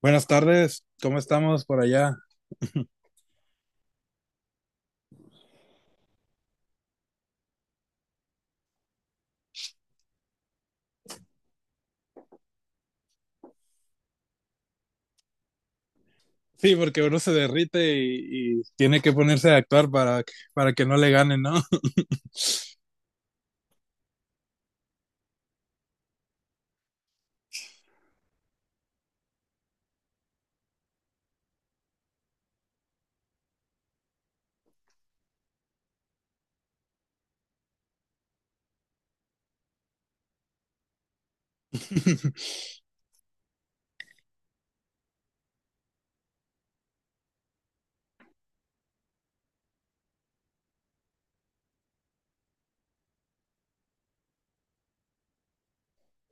Buenas tardes, ¿cómo estamos por allá? Sí, porque uno se derrite y tiene que ponerse a actuar para que no le ganen, ¿no?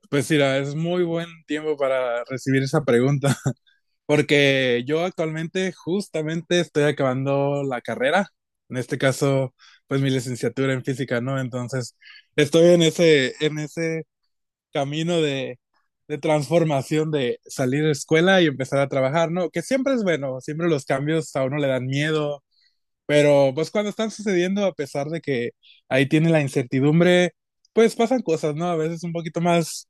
Pues mira, es muy buen tiempo para recibir esa pregunta. Porque yo actualmente justamente estoy acabando la carrera, en este caso, pues mi licenciatura en física, ¿no? Entonces, estoy en ese camino de transformación de salir de escuela y empezar a trabajar, ¿no? Que siempre es bueno, siempre los cambios a uno le dan miedo, pero pues cuando están sucediendo, a pesar de que ahí tiene la incertidumbre, pues pasan cosas, ¿no? A veces un poquito más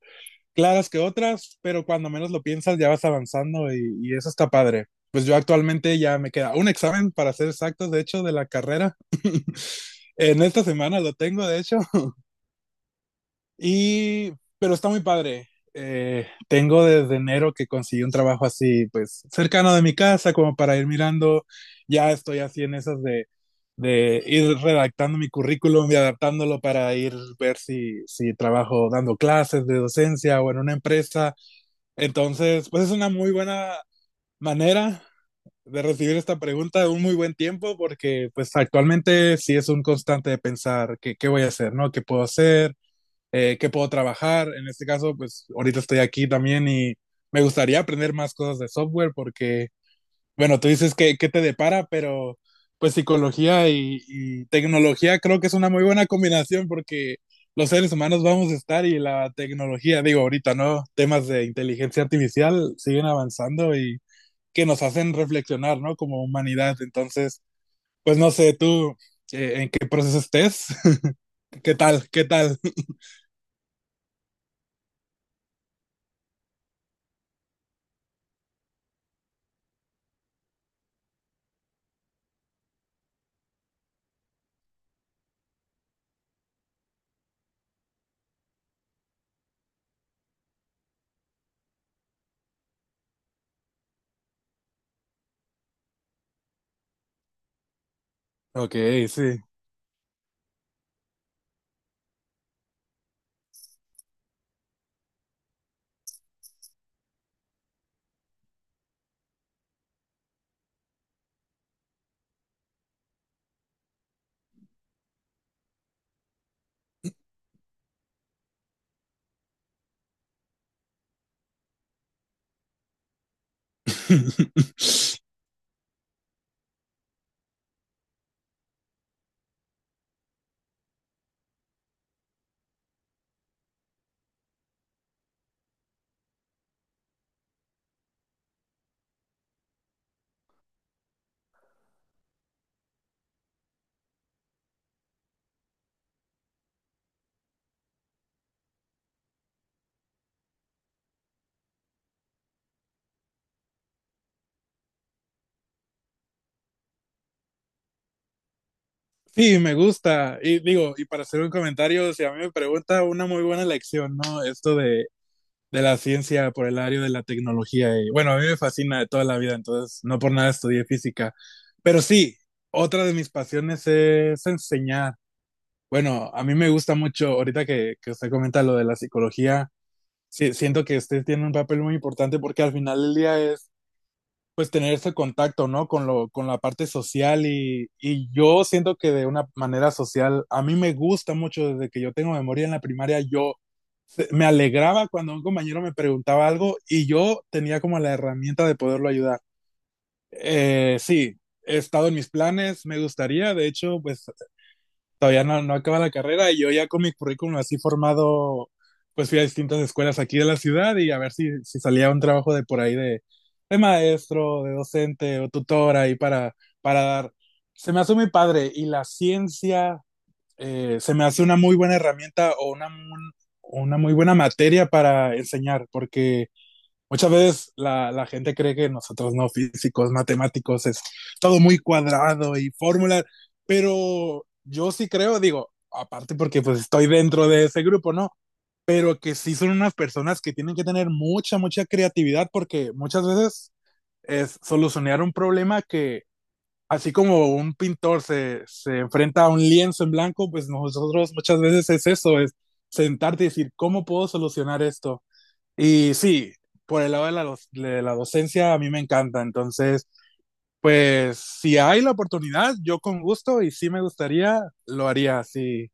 claras que otras, pero cuando menos lo piensas ya vas avanzando y eso está padre. Pues yo actualmente ya me queda un examen, para ser exactos, de hecho, de la carrera. En esta semana lo tengo, de hecho, y, pero está muy padre. Tengo desde enero que conseguí un trabajo así, pues cercano de mi casa, como para ir mirando. Ya estoy así en esas de ir redactando mi currículum y adaptándolo para ir ver si trabajo dando clases de docencia o en una empresa. Entonces, pues es una muy buena manera de recibir esta pregunta, un muy buen tiempo, porque pues actualmente sí es un constante de pensar que qué voy a hacer, ¿no? ¿Qué puedo hacer? ¿Qué puedo trabajar? En este caso, pues ahorita estoy aquí también y me gustaría aprender más cosas de software porque, bueno, tú dices que, te depara, pero pues psicología y tecnología creo que es una muy buena combinación, porque los seres humanos vamos a estar y la tecnología, digo, ahorita, ¿no? Temas de inteligencia artificial siguen avanzando y que nos hacen reflexionar, ¿no? Como humanidad. Entonces, pues no sé, tú, ¿en qué proceso estés? ¿Qué tal? ¿Qué tal? Ok, sí. Sí, me gusta. Y digo, y para hacer un comentario, si a mí me pregunta, una muy buena lección, ¿no? Esto de la ciencia por el área de la tecnología. Y bueno, a mí me fascina de toda la vida, entonces no por nada estudié física. Pero sí, otra de mis pasiones es enseñar. Bueno, a mí me gusta mucho, ahorita que, usted comenta lo de la psicología, sí, siento que usted tiene un papel muy importante porque al final del día es, pues, tener ese contacto, ¿no? Con la parte social y yo siento que de una manera social, a mí me gusta mucho desde que yo tengo memoria en la primaria. Yo me alegraba cuando un compañero me preguntaba algo y yo tenía como la herramienta de poderlo ayudar. Sí, he estado en mis planes, me gustaría, de hecho. Pues todavía no, acaba la carrera y yo ya con mi currículum así formado, pues fui a distintas escuelas aquí de la ciudad, y a ver si salía un trabajo de por ahí de maestro, de docente o tutor ahí para dar. Se me hace muy padre. Y la ciencia, se me hace una muy buena herramienta o una muy buena materia para enseñar, porque muchas veces la gente cree que nosotros, no, físicos, matemáticos, es todo muy cuadrado y fórmulas. Pero yo sí creo, digo, aparte porque pues estoy dentro de ese grupo, ¿no? Pero que sí son unas personas que tienen que tener mucha, mucha creatividad, porque muchas veces es solucionar un problema que, así como un pintor se enfrenta a un lienzo en blanco, pues nosotros muchas veces es eso, es sentarte y decir, ¿cómo puedo solucionar esto? Y sí, por el lado de la, de la docencia, a mí me encanta. Entonces, pues si hay la oportunidad, yo con gusto, y sí me gustaría, lo haría, sí.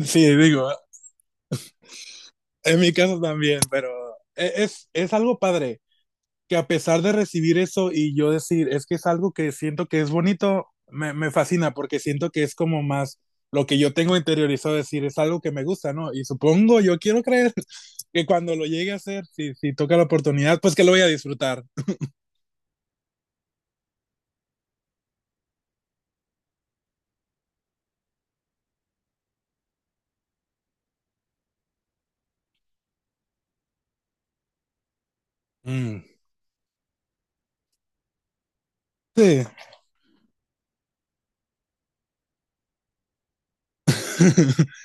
Sí, digo, en mi caso también, pero es algo padre. Que a pesar de recibir eso y yo decir, es que es algo que siento que es bonito, me fascina, porque siento que es como más lo que yo tengo interiorizado, decir, es algo que me gusta, ¿no? Y supongo, yo quiero creer que cuando lo llegue a hacer, si toca la oportunidad, pues, que lo voy a disfrutar. Mm, sí.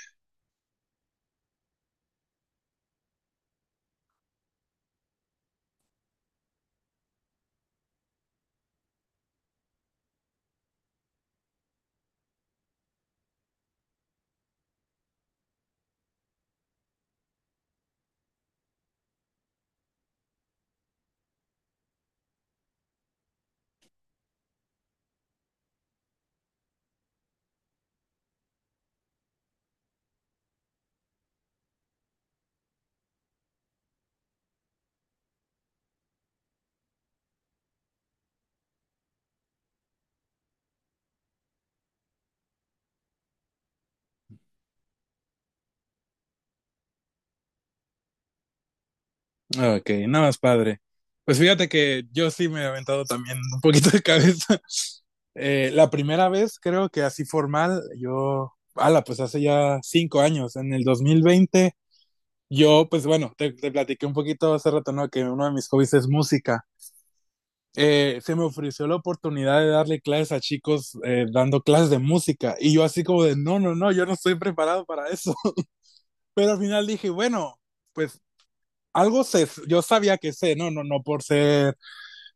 Ok, nada más padre. Pues fíjate que yo sí me he aventado también un poquito de cabeza. La primera vez, creo que así formal, yo, ala, pues hace ya 5 años, en el 2020. Yo, pues bueno, te platiqué un poquito hace rato, ¿no? Que uno de mis hobbies es música. Se me ofreció la oportunidad de darle clases a chicos, dando clases de música, y yo así como de, no, no, no, yo no estoy preparado para eso. Pero al final dije, bueno, pues algo sé, yo sabía que sé, no, no, no por ser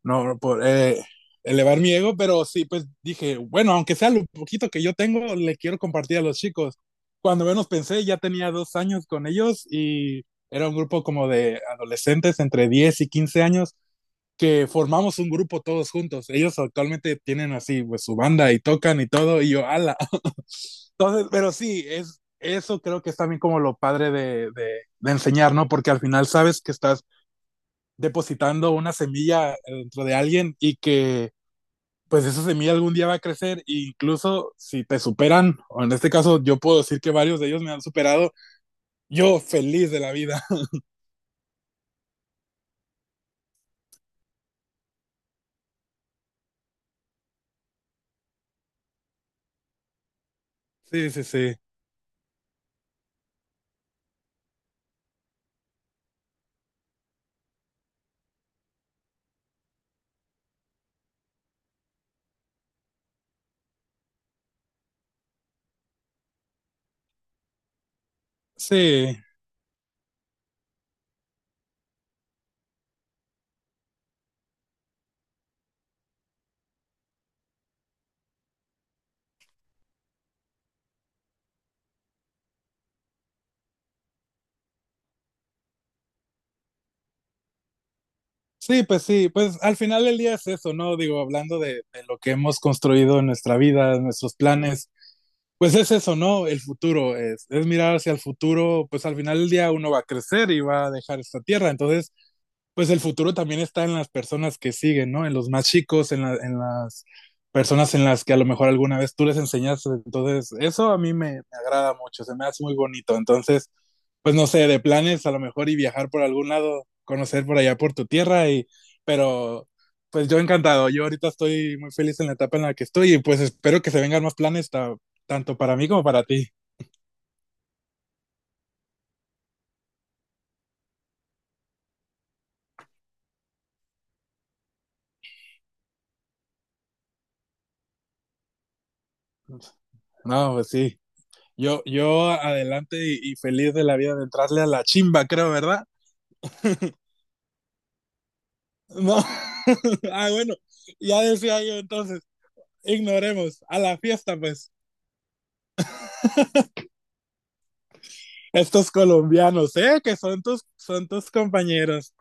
no, por elevar mi ego. Pero sí, pues dije, bueno, aunque sea lo poquito que yo tengo, le quiero compartir a los chicos. Cuando menos pensé, ya tenía 2 años con ellos, y era un grupo como de adolescentes entre 10 y 15 años, que formamos un grupo todos juntos. Ellos actualmente tienen así, pues, su banda y tocan y todo, y yo, ala. Entonces, pero sí, es, eso creo que es también como lo padre de, de enseñar, ¿no? Porque al final sabes que estás depositando una semilla, dentro de alguien, y que, pues, esa semilla algún día va a crecer, e incluso si te superan, o en este caso yo puedo decir que varios de ellos me han superado, yo feliz de la vida. Sí, sí, sí. Sí, sí, pues sí, pues al final del día es eso, ¿no? Digo, hablando de lo que hemos construido en nuestra vida, nuestros planes, pues es eso, ¿no? El futuro, es mirar hacia el futuro, pues al final del día uno va a crecer y va a dejar esta tierra. Entonces, pues el futuro también está en las personas que siguen, ¿no? En los más chicos, en las personas en las que a lo mejor alguna vez tú les enseñaste. Entonces eso a mí me agrada mucho, se me hace muy bonito. Entonces, pues no sé, de planes a lo mejor y viajar por algún lado, conocer por allá por tu tierra y, pero pues yo encantado. Yo ahorita estoy muy feliz en la etapa en la que estoy, y pues espero que se vengan más planes, tanto para mí como para ti. No, pues sí. Yo adelante y feliz de la vida de entrarle a la chimba, creo, ¿verdad? No. Ah, bueno, ya decía yo entonces, ignoremos a la fiesta, pues. Estos colombianos, ¿eh? Que son son tus compañeros.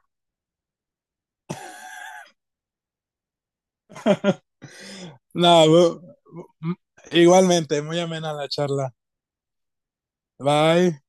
No, bu- igualmente, muy amena la charla. Bye.